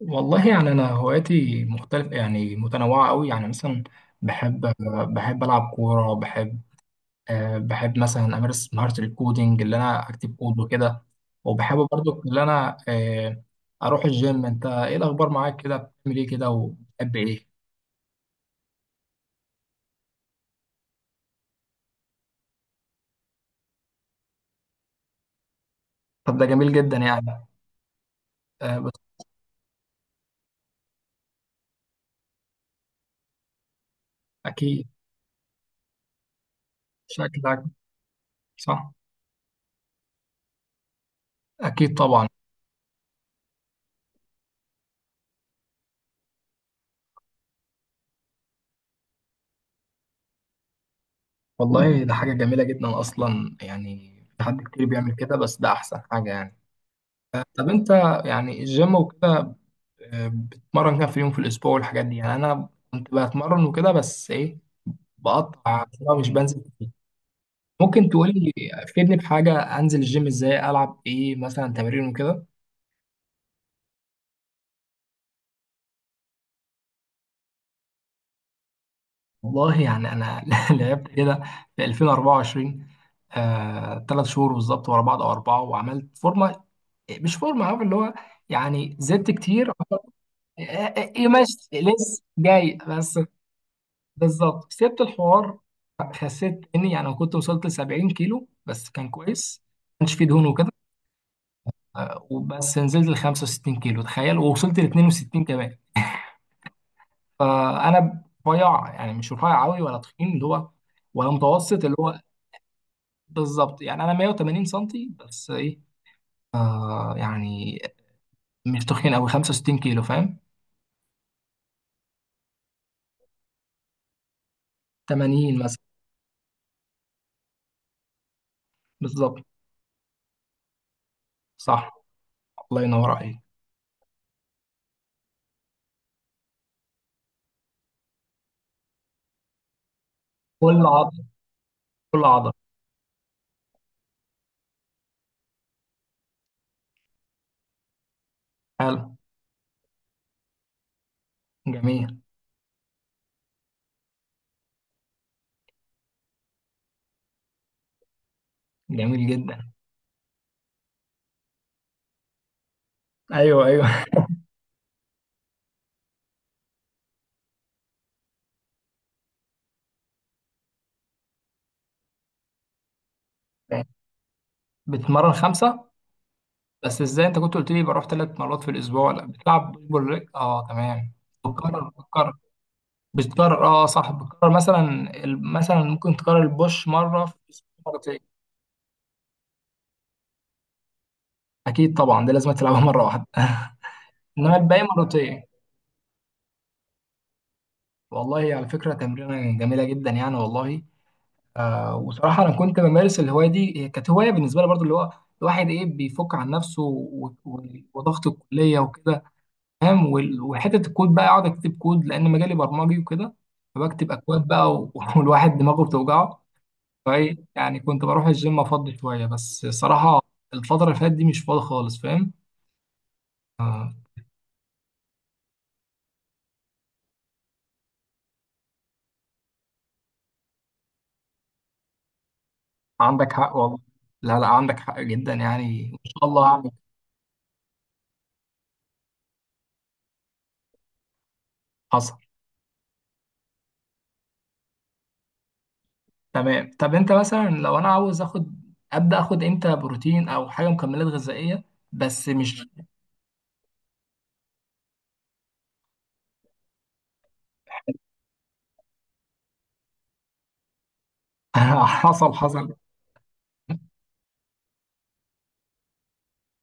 والله يعني انا هواياتي مختلفه، يعني متنوعه قوي، يعني مثلا بحب بحب العب كوره. بحب مثلا امارس مهاره الكودينج اللي انا اكتب كود وكده. وبحب برضو اللي انا اروح الجيم. انت ايه الاخبار معاك كده؟ بتعمل ايه كده وبتحب ايه؟ طب ده جميل جدا يعني. بس اكيد. شكلك صح. اكيد طبعا. والله ده حاجه جميله جدا اصلا، يعني في حد كتير بيعمل كده، بس ده احسن حاجه يعني. طب انت يعني الجيم وكده، بتمرن كام في اليوم في الاسبوع والحاجات دي؟ يعني انا كنت بتمرن وكده، بس ايه، بقطع عشان مش بنزل كتير. ممكن تقولي، فيدني بحاجه، انزل الجيم ازاي، العب ايه مثلا تمارين وكده. والله يعني انا لعبت كده في 2024، ثلاث شهور بالظبط ورا بعض او اربعه، وعملت فورمه. مش فورمه عارف اللي هو، يعني زدت كتير. آه، ايه ماشي لسه جاي بس. بالظبط سبت الحوار، خسيت. اني يعني أنا كنت وصلت ل 70 كيلو، بس كان كويس، ما كانش فيه دهون وكده. وبس نزلت ل 65 كيلو تخيل، ووصلت ل 62 كمان. فانا رفيع، يعني مش رفيع قوي ولا تخين اللي هو، ولا متوسط اللي هو. بالظبط يعني انا 180 سنتي، بس ايه يعني مش تخين قوي 65 كيلو، فاهم؟ 80 مثلا. بالظبط صح، الله ينور عليك. كل عضله، كل عضله. حلو. جميل. جميل جدا. ايوه ايوه. بتتمرن خمسة؟ بس ازاي؟ انت كنت قلت لي بروح ثلاث مرات في الاسبوع. لا بتلعب بوش بول ليج، اه تمام. بتكرر، بتكرر اه صح. بتكرر مثلا مثلا ممكن تكرر البوش مرة في الاسبوع، مرتين. اكيد طبعا، دي لازم تلعبها مرة واحدة. انما الباقي مرتين. والله على فكرة تمرينة جميلة جدا يعني، والله. وصراحة انا كنت بمارس الهواية دي، هي كانت هواية بالنسبة لي برضو، اللي هو الواحد ايه بيفك عن نفسه وضغط الكلية وكده، فاهم. وحته الكود بقى، اقعد اكتب كود لان مجالي برمجي وكده، فبكتب اكواد بقى والواحد دماغه بتوجعه، فايه يعني كنت بروح الجيم افضي شويه. بس الصراحه الفتره اللي فاتت دي مش فاضي خالص، فاهم. آه، عندك حق والله. لا لا عندك حق جدا، يعني ان شاء الله هعمل. حصل. تمام، طب انت مثلا لو انا عاوز اخد، ابدا اخد امتى بروتين او حاجه مكملات غذائيه؟ بس مش حصل حصل.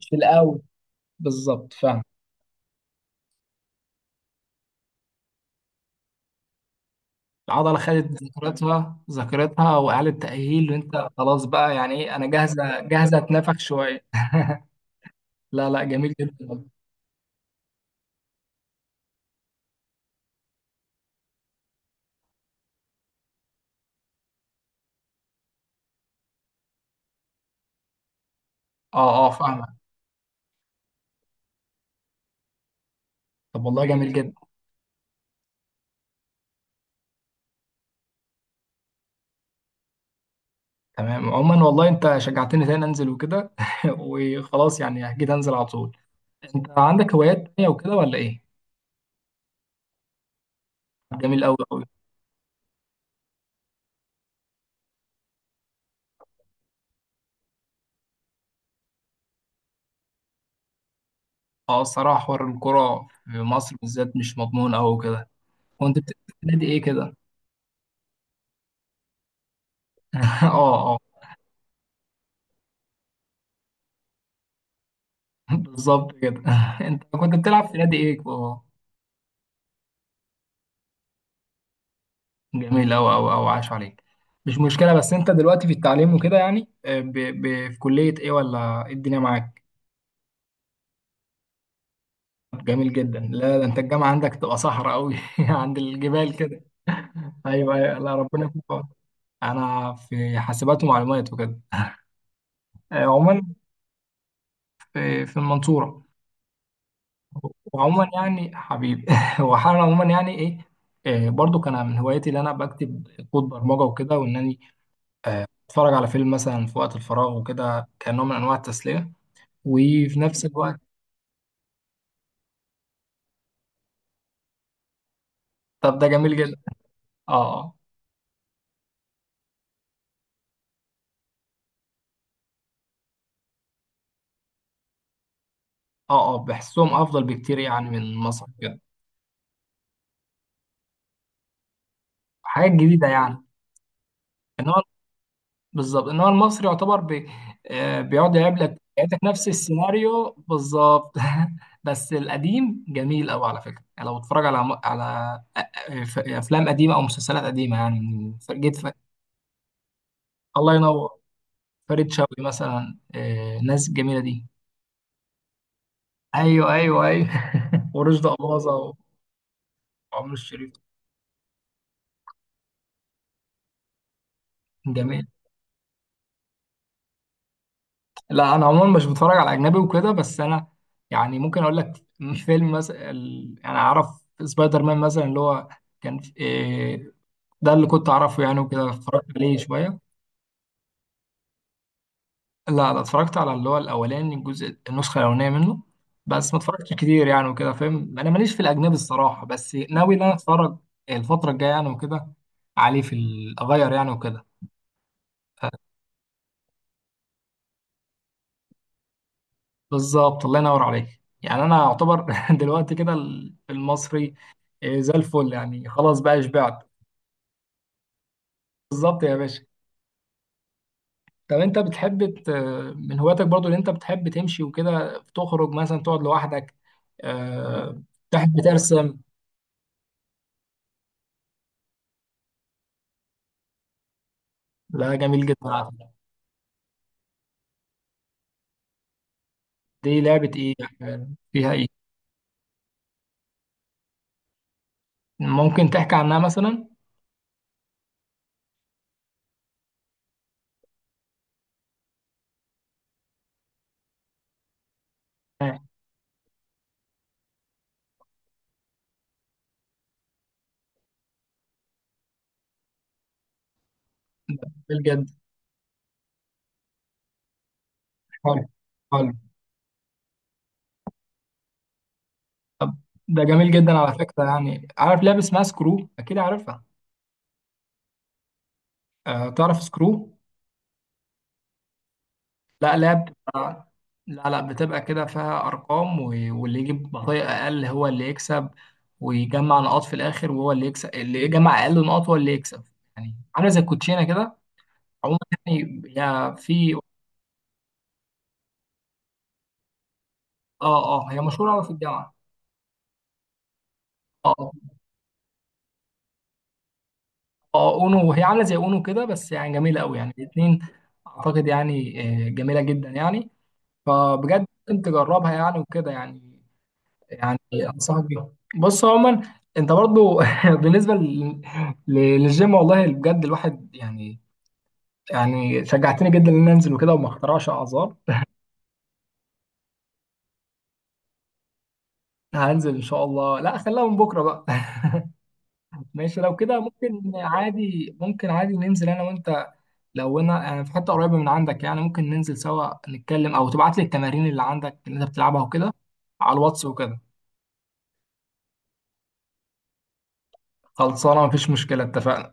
مش في الاول. بالظبط فاهم. العضله خدت ذاكرتها، ذاكرتها واعاده تاهيل، وانت خلاص بقى يعني ايه، انا جاهزه جاهزه اتنفخ شويه. لا لا جميل جدا. اه اه فاهمك. طب والله جميل جدا. تمام عموما، والله انت شجعتني تاني انزل وكده وخلاص يعني اكيد انزل على طول. انت عندك هوايات تانية وكده ولا ايه؟ جميل قوي قوي. اه الصراحه حوار الكوره في مصر بالذات مش مضمون قوي كده. كنت بتلعب في نادي ايه كده؟ اه اه. بالظبط كده. انت كنت بتلعب في نادي ايه آه؟ جميل أوي أوي أوي، عاش عليك. مش مشكلة. بس أنت دلوقتي في التعليم وكده يعني، في كلية إيه ولا إيه الدنيا معاك؟ جميل جدا. لا ده أنت الجامعة عندك تبقى صحراء أوي عند الجبال كده. أيوه أيوه، لا ربنا يكون في عونك. أنا في حاسبات ومعلومات وكده، عموما. في المنصورة. وعموما يعني حبيبي وحالا عموما يعني إيه، برضو كان من هوايتي اللي انا بكتب كود برمجه وكده، وان انا اتفرج على فيلم مثلا في وقت الفراغ وكده، كنوع من انواع التسليه. وفي نفس الوقت طب ده جميل جدا. اه اه اه، بحسهم افضل بكتير يعني من مصر كده. حاجات جديده يعني. انما بالظبط، انما المصري يعتبر بي... آه، بيقعد يلعب لك، يعيدك نفس السيناريو بالظبط. بس القديم جميل قوي على فكره، يعني لو بتتفرج على على افلام قديمه او مسلسلات قديمه، يعني جيت الله ينور. فريد شوقي مثلا، الناس الجميله دي. ايوه ايوه ايوه. ورشدي اباظه، وعمر الشريف. جميل. لا انا عموما مش بتفرج على اجنبي وكده، بس انا يعني ممكن اقول لك فيلم مثلا، انا اعرف سبايدر مان مثلا اللي هو كان في- إيه، ده اللي كنت اعرفه يعني، وكده اتفرجت عليه شويه. لا ده اتفرجت على اللي هو الاولاني، الجزء النسخه الاولانيه منه، بس ما اتفرجتش كتير يعني وكده، فاهم. انا ماليش في الاجنبي الصراحه، بس ناوي ان انا اتفرج الفتره الجايه يعني وكده، عليه اغير يعني وكده. بالظبط الله ينور عليك. يعني انا اعتبر دلوقتي كده المصري زي الفل، يعني خلاص بقى شبعت. بالظبط يا باشا. طب انت بتحب من هواياتك برضو اللي انت بتحب تمشي وكده، تخرج مثلا، تقعد لوحدك، آه، تحب ترسم. لا جميل جدا على فكرة. دي لعبة ايه؟ يعني فيها ايه؟ ممكن تحكي عنها مثلا؟ آه، جميل جدا. حلو، حلو. طب ده جميل جدا على فكرة. يعني عارف لعبة اسمها سكرو؟ اكيد عارفها. تعرف سكرو. لا لا بتبقى، لا لا بتبقى كده فيها ارقام واللي يجيب بطيء اقل هو اللي يكسب، ويجمع نقاط في الاخر وهو اللي يكسب، اللي يجمع اقل نقاط هو اللي يكسب. يعني عامله زي الكوتشينه كده. عموما يعني هي في، اه اه هي مشهوره قوي في الجامعه. اه اه، اونو، وهي عامله زي اونو كده، بس يعني جميله قوي يعني الاثنين اعتقد يعني، جميله جدا يعني، فبجد ممكن تجربها يعني وكده يعني. يعني انصحك بيها. بص عموما، انت برضو بالنسبه لل- للجيم والله بجد، الواحد يعني، يعني شجعتني جدا ان أنا انزل وكده وما اخترعش اعذار. هنزل ان شاء الله، لا خليها من بكره بقى. ماشي لو كده، ممكن عادي ممكن عادي ننزل انا وانت. لو انا يعني في حته قريبه من عندك، يعني ممكن ننزل سوا نتكلم، او تبعت لي التمارين اللي عندك اللي انت بتلعبها وكده على الواتس وكده. خلصانه، مفيش مشكله، اتفقنا.